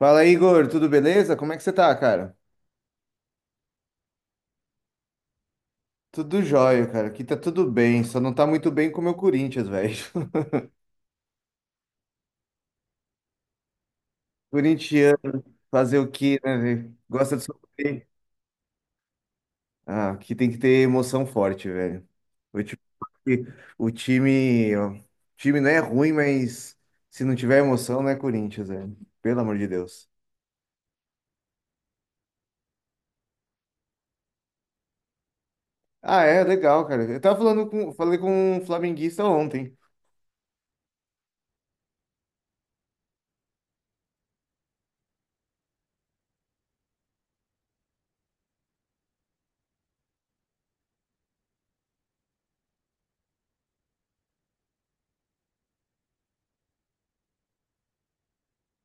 Fala, Igor, tudo beleza? Como é que você tá, cara? Tudo jóia, cara. Aqui tá tudo bem, só não tá muito bem com o meu Corinthians, velho. Corintiano, fazer o quê, né, velho? Gosta de sofrer. Ah, aqui tem que ter emoção forte, velho. Eu te O time, ó, o time não é ruim, mas se não tiver emoção, não é Corinthians, velho. Pelo amor de Deus. Ah, é, legal, cara. Eu tava falando com, falei com um flamenguista ontem.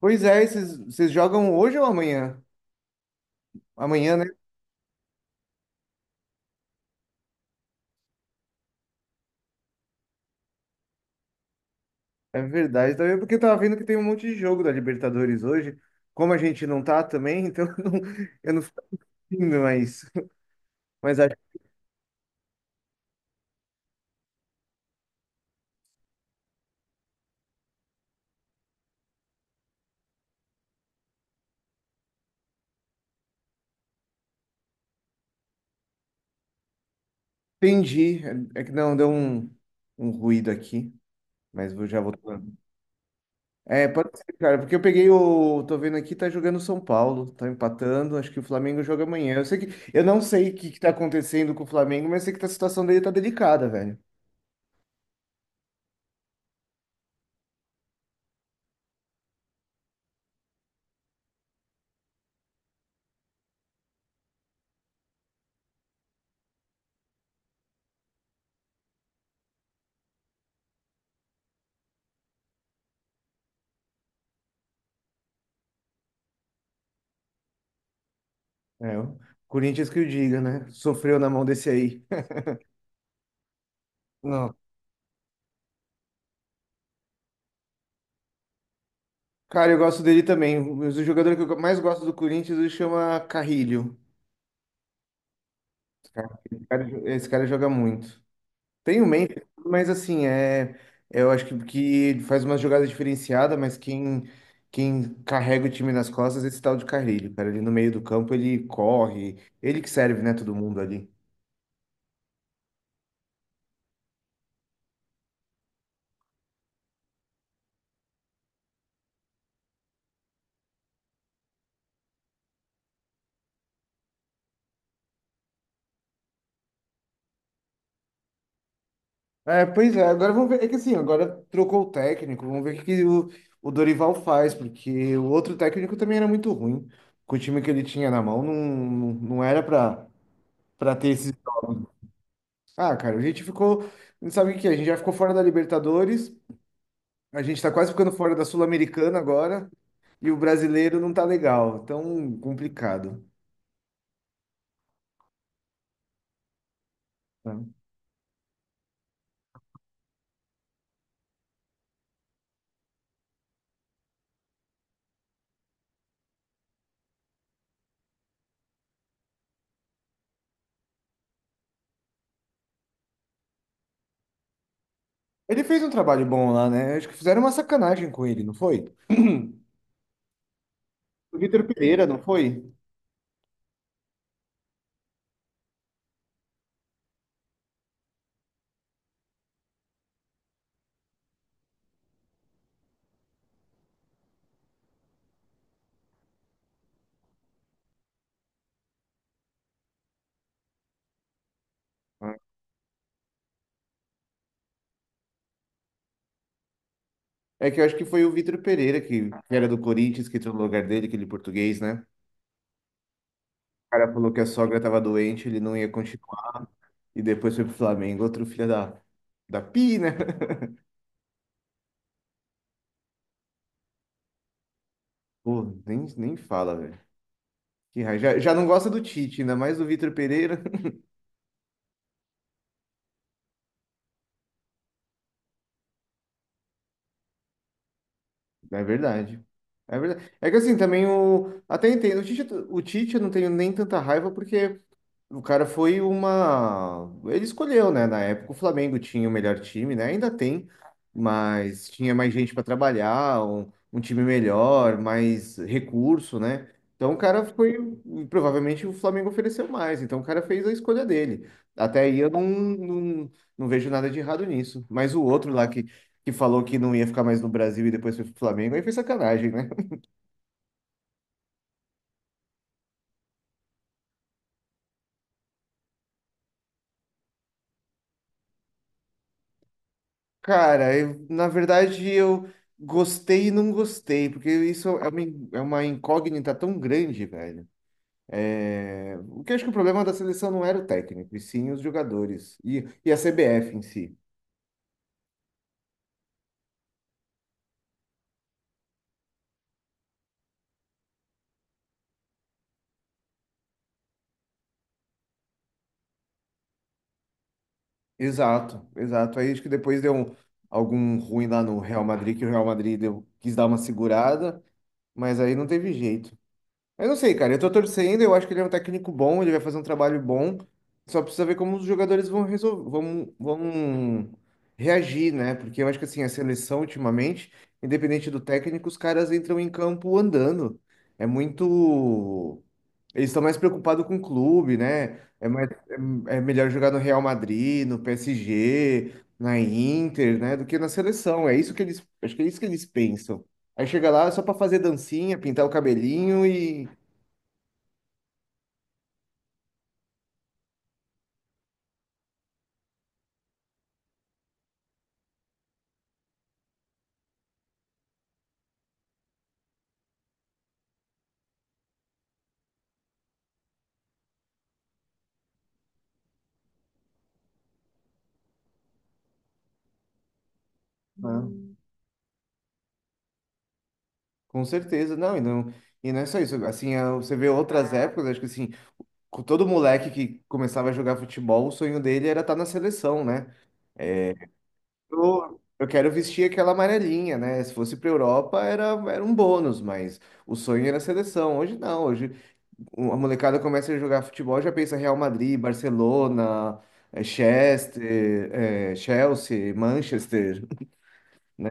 Pois é, vocês jogam hoje ou amanhã? Amanhã, né? É verdade, também porque eu tava vendo que tem um monte de jogo da Libertadores hoje. Como a gente não tá também, então eu não fico indo, mas acho que entendi. É que não, deu um, um ruído aqui, mas vou já voltando. É, pode ser, cara, porque eu peguei o. Tô vendo aqui, tá jogando o São Paulo, tá empatando. Acho que o Flamengo joga amanhã. Eu não sei o que que tá acontecendo com o Flamengo, mas sei que a situação dele tá delicada, velho. É, o Corinthians que o diga, né? Sofreu na mão desse aí. Não. Cara, eu gosto dele também. Mas o jogador que eu mais gosto do Corinthians ele chama Carrilho. Cara, esse cara joga muito. Tem o Memphis, mas assim, eu acho que ele faz uma jogada diferenciada, mas quem carrega o time nas costas é esse tal de Carrilho, cara. Ele no meio do campo, ele corre, ele que serve, né, todo mundo ali. É, pois é, agora vamos ver. É que assim, agora trocou o técnico, vamos ver o Dorival faz, porque o outro técnico também era muito ruim. Com o time que ele tinha na mão, não era pra ter esses jogos. Ah, cara, a gente ficou. Não sabe o que que é? A gente já ficou fora da Libertadores, a gente tá quase ficando fora da Sul-Americana agora, e o brasileiro não tá legal, tão complicado. Né? Ele fez um trabalho bom lá, né? Acho que fizeram uma sacanagem com ele, não foi? O Vitor Pereira, não foi? É que eu acho que foi o Vitor Pereira, que era do Corinthians, que entrou no lugar dele, aquele português, né? O cara falou que a sogra tava doente, ele não ia continuar. E depois foi pro Flamengo, outro filho da Pi, né? Pô, nem fala, velho. Que raiva. Já não gosta do Tite, ainda mais do Vitor Pereira. É verdade. É verdade. É que assim, também o. Até entendo. O Tite eu não tenho nem tanta raiva, porque O cara foi uma. Ele escolheu, né? Na época o Flamengo tinha o melhor time, né? Ainda tem, mas tinha mais gente para trabalhar, um time melhor, mais recurso, né? Então o cara foi. Provavelmente o Flamengo ofereceu mais, então o cara fez a escolha dele. Até aí eu não, não, não vejo nada de errado nisso. Mas o outro lá que falou que não ia ficar mais no Brasil e depois foi pro Flamengo, aí foi sacanagem, né? Cara, na verdade eu gostei e não gostei, porque isso é é uma incógnita tão grande, velho. É, o que eu acho que o problema da seleção não era o técnico, e sim os jogadores e a CBF em si. Exato, exato. Aí acho que depois deu um- algum ruim lá no Real Madrid, que o Real Madrid deu- quis dar uma segurada, mas aí não teve jeito. Eu não sei, cara. Eu tô torcendo, eu acho que ele é um técnico bom, ele vai fazer um trabalho bom. Só precisa ver como os jogadores vão resolver, vão reagir, né? Porque eu acho que assim, a seleção ultimamente, independente do técnico, os caras entram em campo andando. É muito. Eles estão mais preocupados com o clube, né? É melhor jogar no Real Madrid, no PSG, na Inter, né? Do que na seleção. É isso que eles. Acho que é isso que eles pensam. Aí chega lá só pra fazer dancinha, pintar o cabelinho e… Ah, com certeza, e não é só isso, assim, você vê outras épocas, acho que assim, com todo moleque que começava a jogar futebol, o sonho dele era estar na seleção, né? Eu quero vestir aquela amarelinha, né? Se fosse pra Europa era, era um bônus, mas o sonho era a seleção, hoje não, hoje a molecada começa a jogar futebol, já pensa Real Madrid, Barcelona, Chester, Chelsea, Manchester, né?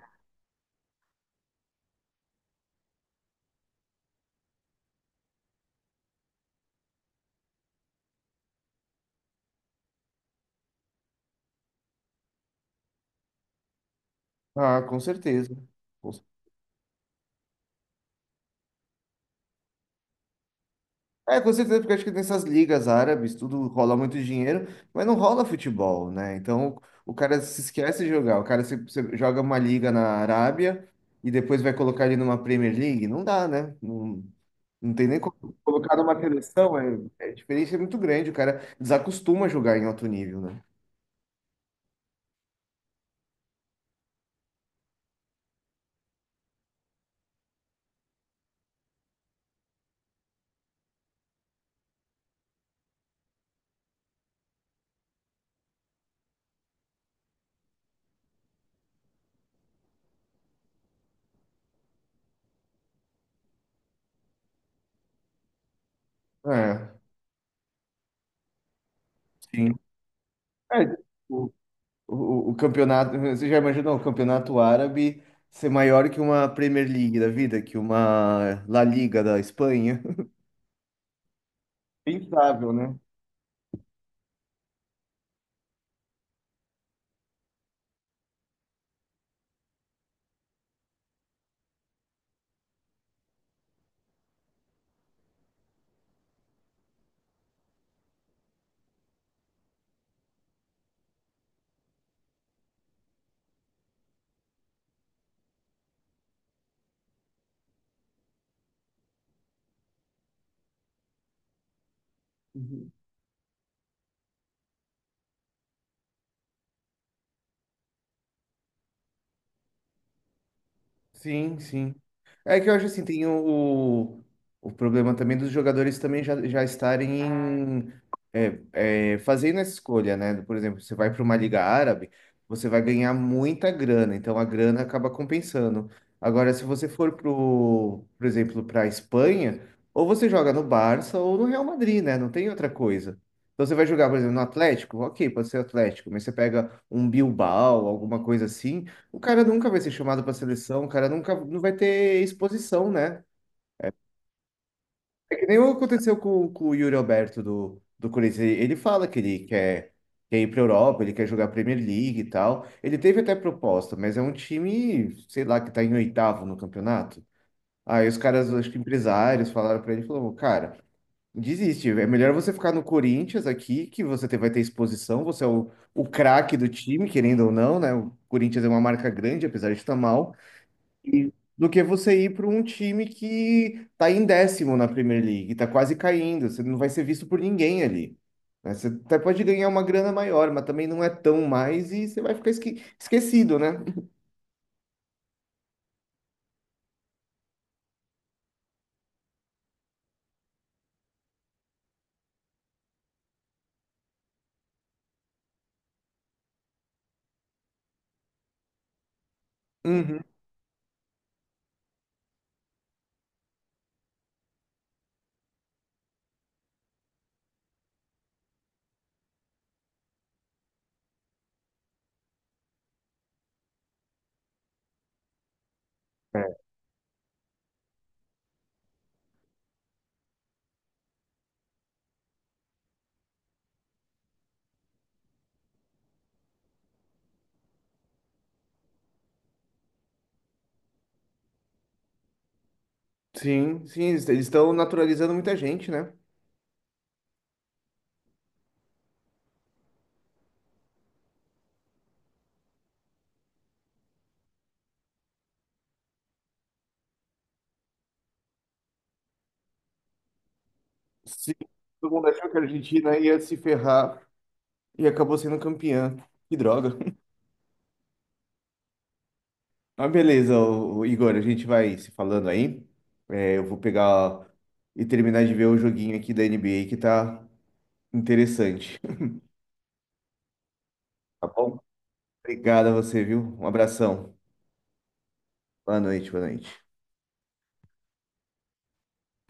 Ah, com certeza, com. É, com certeza, porque acho que nessas ligas árabes tudo rola muito dinheiro, mas não rola futebol, né? Então o cara se esquece de jogar. O cara se joga uma liga na Arábia e depois vai colocar ele numa Premier League. Não dá, né? Não, não tem nem como colocar numa seleção. É, é, a diferença é muito grande. O cara desacostuma a jogar em alto nível, né? É, sim. É, o, o campeonato, você já imaginou o campeonato árabe ser maior que uma Premier League da vida, que uma La Liga da Espanha? Pensável, né? Sim, sim. É que eu acho assim, tem o problema também dos jogadores também já estarem fazendo essa escolha, né? Por exemplo, você vai para uma liga árabe, você vai ganhar muita grana, então a grana acaba compensando. Agora, se você for pro, por exemplo, para a Espanha, ou você joga no Barça ou no Real Madrid, né? Não tem outra coisa. Então você vai jogar, por exemplo, no Atlético, ok, pode ser Atlético, mas você pega um Bilbao, alguma coisa assim. O cara nunca vai ser chamado para seleção, o cara nunca não vai ter exposição, né? É que nem o que aconteceu com o Yuri Alberto do Corinthians. Ele fala que ele quer ir para Europa, ele quer jogar Premier League e tal. Ele teve até proposta, mas é um time, sei lá, que tá em oitavo no campeonato. Aí os caras, acho que empresários, falaram para ele, falou, cara, desiste, é melhor você ficar no Corinthians aqui, que você vai ter exposição, você é o craque do time, querendo ou não, né? O Corinthians é uma marca grande, apesar de estar mal. Do que você ir para um time que tá em décimo na Premier League, tá quase caindo, você não vai ser visto por ninguém ali. Né? Você até pode ganhar uma grana maior, mas também não é tão mais e você vai ficar esquecido, né? Uhum. É. Sim, sim, eles estão naturalizando muita gente, né? Sim, todo mundo achou que a Argentina ia se ferrar e acabou sendo campeã. Que droga. Mas beleza, o, Igor, a gente vai se falando aí. É, eu vou pegar e terminar de ver o joguinho aqui da NBA que tá interessante. Tá bom? Obrigado a você, viu? Um abração. Boa noite, boa noite.